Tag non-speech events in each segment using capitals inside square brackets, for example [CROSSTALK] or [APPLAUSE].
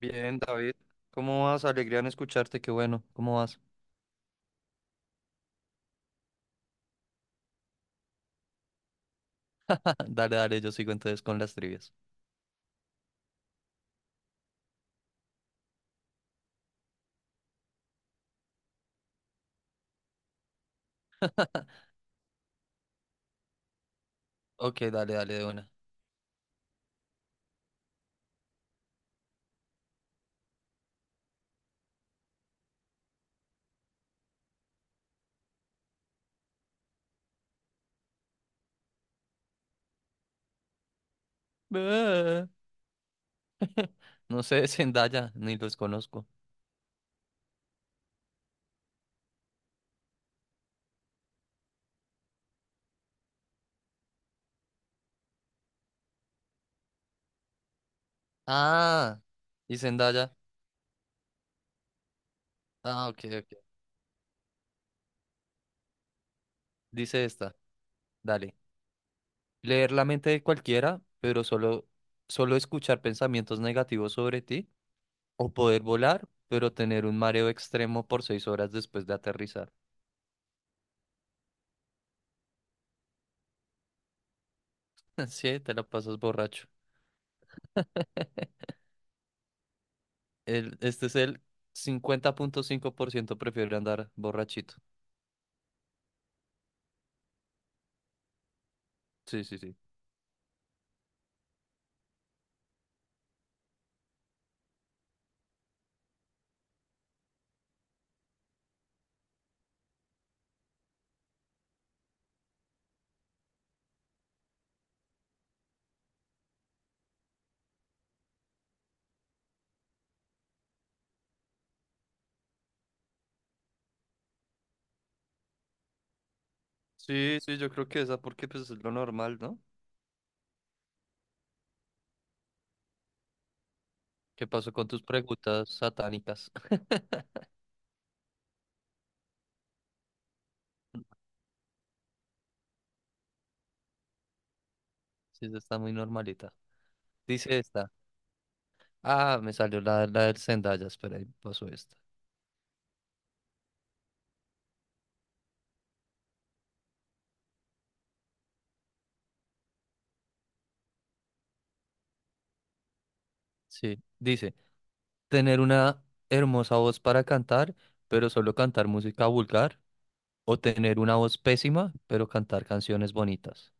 Bien, David. ¿Cómo vas? Alegría en escucharte, qué bueno. ¿Cómo vas? [LAUGHS] Dale, dale, yo sigo entonces con las trivias. [LAUGHS] Ok, dale, dale de una. Ah. [LAUGHS] No sé, Zendaya, ni los conozco. Ah, y Zendaya. Ah, ok, ok. Dice esta, dale. Leer la mente de cualquiera, pero solo escuchar pensamientos negativos sobre ti. O poder volar, pero tener un mareo extremo por 6 horas después de aterrizar. [LAUGHS] Sí, te la pasas borracho. Este es el 50,5% prefiere andar borrachito. Sí, sí, sí. Sí, sí, yo creo que esa, porque pues es lo normal, ¿no? ¿Qué pasó con tus preguntas satánicas? [LAUGHS] Sí, esa está muy normalita. Dice esta. Ah, me salió la del Zendaya, espera, ahí pasó esta. Sí, dice, tener una hermosa voz para cantar, pero solo cantar música vulgar, o tener una voz pésima, pero cantar canciones bonitas.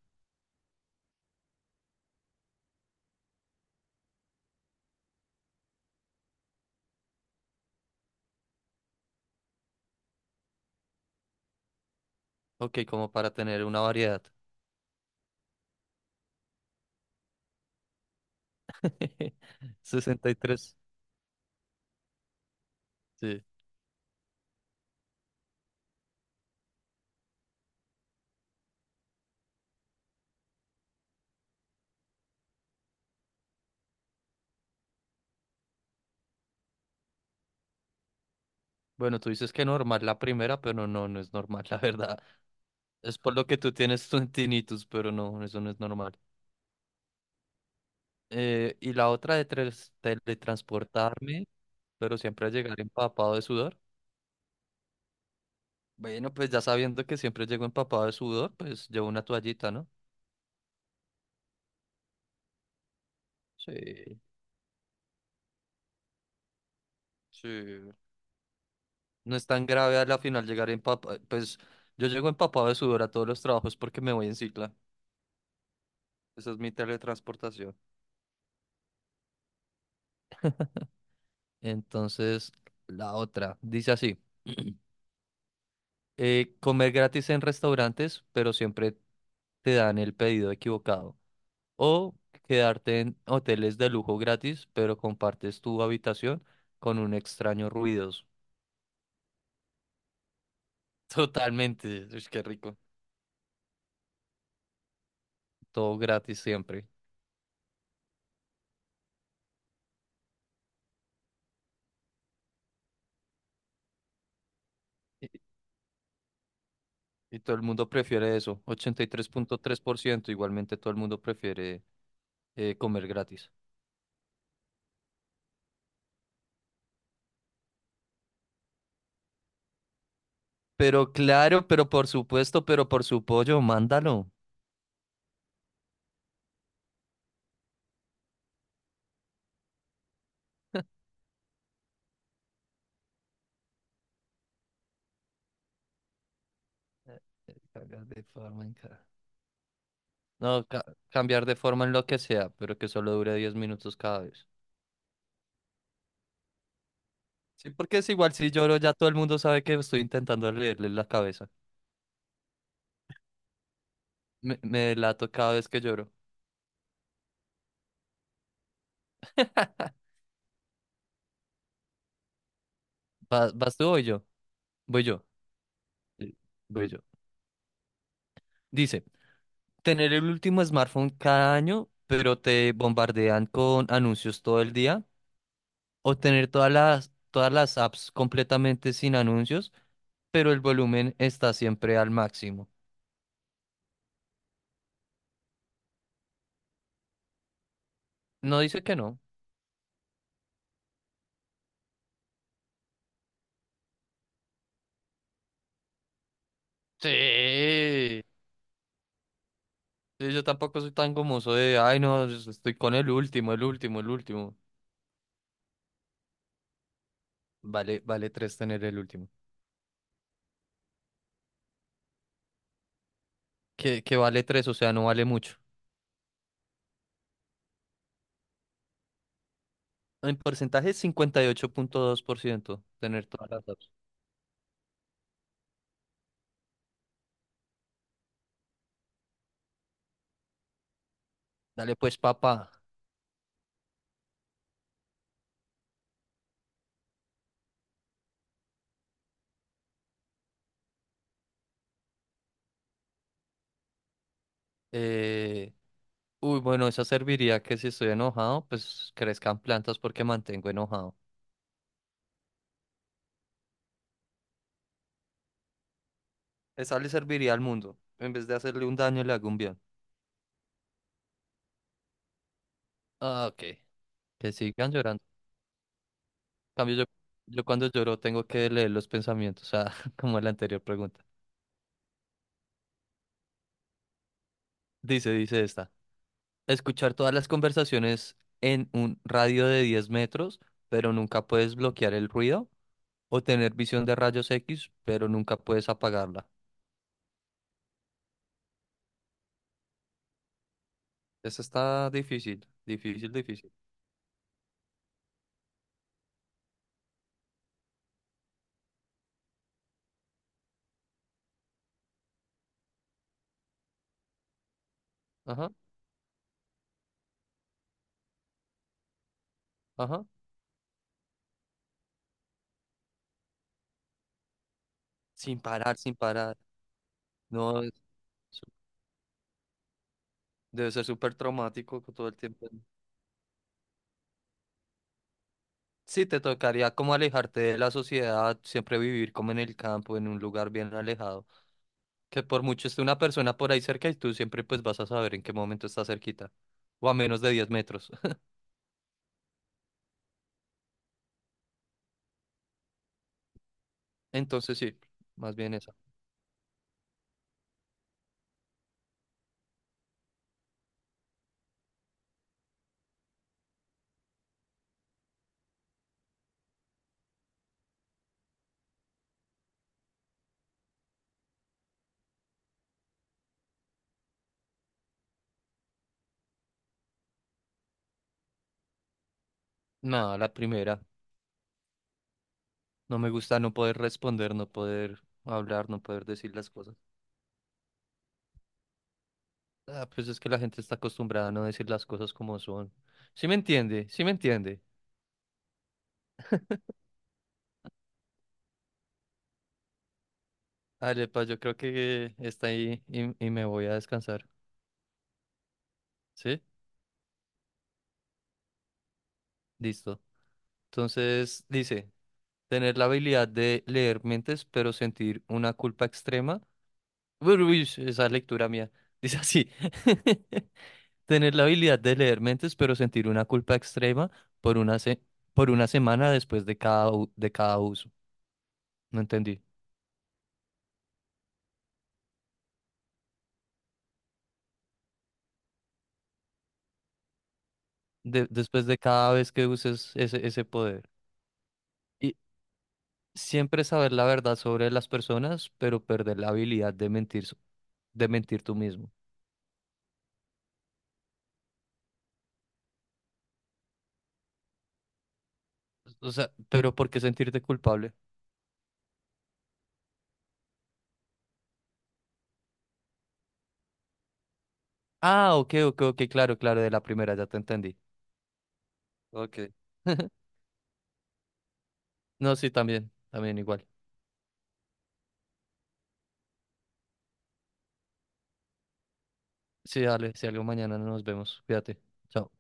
Ok, como para tener una variedad. [LAUGHS] 63. Sí. Bueno, tú dices que normal la primera, pero no, no no es normal, [LAUGHS] la verdad. Es por lo que tú tienes tu tinnitus, pero no, eso no es normal. Y la otra de teletransportarme, pero siempre llegar empapado de sudor. Bueno, pues ya sabiendo que siempre llego empapado de sudor, pues llevo una toallita, ¿no? Sí, sí. No es tan grave al final llegar empapado. Pues yo llego empapado de sudor a todos los trabajos porque me voy en cicla. Esa es mi teletransportación. Entonces, la otra dice así. [CLEARS THROAT] Comer gratis en restaurantes, pero siempre te dan el pedido equivocado. O quedarte en hoteles de lujo gratis, pero compartes tu habitación con un extraño ruidos. [LAUGHS] Totalmente, es que rico. Todo gratis siempre. Y, y todo el mundo prefiere eso. Ochenta y tres punto tres por ciento, igualmente, todo el mundo prefiere comer gratis. Pero claro, pero por supuesto, pero por su pollo, mándalo. Cagas de forma en cara. No, cambiar de forma en lo que sea, pero que solo dure 10 minutos cada vez. Sí, porque es igual si lloro, ya todo el mundo sabe que estoy intentando leerle la cabeza. Me delato cada vez que lloro. [LAUGHS] ¿Vas tú o voy yo? Voy yo. Sí, voy yo. Dice, tener el último smartphone cada año, pero te bombardean con anuncios todo el día. O tener todas las apps completamente sin anuncios, pero el volumen está siempre al máximo. No dice que no. Sí. Sí, yo tampoco soy tan gomoso. Soy de, ay, no, yo estoy con el último, el último, el último. Vale 3 tener el último. Que vale 3, o sea, no vale mucho. En porcentaje, 58,2% tener todas las apps. Dale pues, papá. Eh, uy, bueno, esa serviría que si estoy enojado, pues crezcan plantas porque mantengo enojado. Esa le serviría al mundo. En vez de hacerle un daño, le hago un bien. Ah, ok. Que sigan llorando. En cambio, yo cuando lloro tengo que leer los pensamientos, o sea, [LAUGHS] como la anterior pregunta. Dice esta. Escuchar todas las conversaciones en un radio de 10 metros, pero nunca puedes bloquear el ruido. O tener visión de rayos X, pero nunca puedes apagarla. Esta está difícil, difícil, difícil. Ajá, ajá. Sin parar, sin parar. No, su- debe ser súper traumático todo el tiempo. Sí, te tocaría como alejarte de la sociedad, siempre vivir como en el campo, en un lugar bien alejado. Que por mucho esté una persona por ahí cerca y tú siempre pues vas a saber en qué momento está cerquita. O a menos de 10 metros. [LAUGHS] Entonces sí, más bien esa. Nada, la primera. No me gusta no poder responder, no poder hablar, no poder decir las cosas. Ah, pues es que la gente está acostumbrada a no decir las cosas como son. Sí me entiende, sí me entiende. Ale pa, yo creo que está ahí y me voy a descansar. ¿Sí? Listo. Entonces dice, tener la habilidad de leer mentes, pero sentir una culpa extrema. Uy, uy, esa es lectura mía. Dice así, [LAUGHS] tener la habilidad de leer mentes, pero sentir una culpa extrema por una, se- por una semana después de cada uso. No entendí. Después de cada vez que uses ese poder. Y siempre saber la verdad sobre las personas, pero perder la habilidad de mentir, de mentir tú mismo. O sea, pero ¿por qué sentirte culpable? Ah, ok, ok, ok, claro, claro, de la primera ya te entendí. Ok. [LAUGHS] No, sí, también, también igual. Sí, dale, si algo mañana nos vemos. Cuídate. Chao.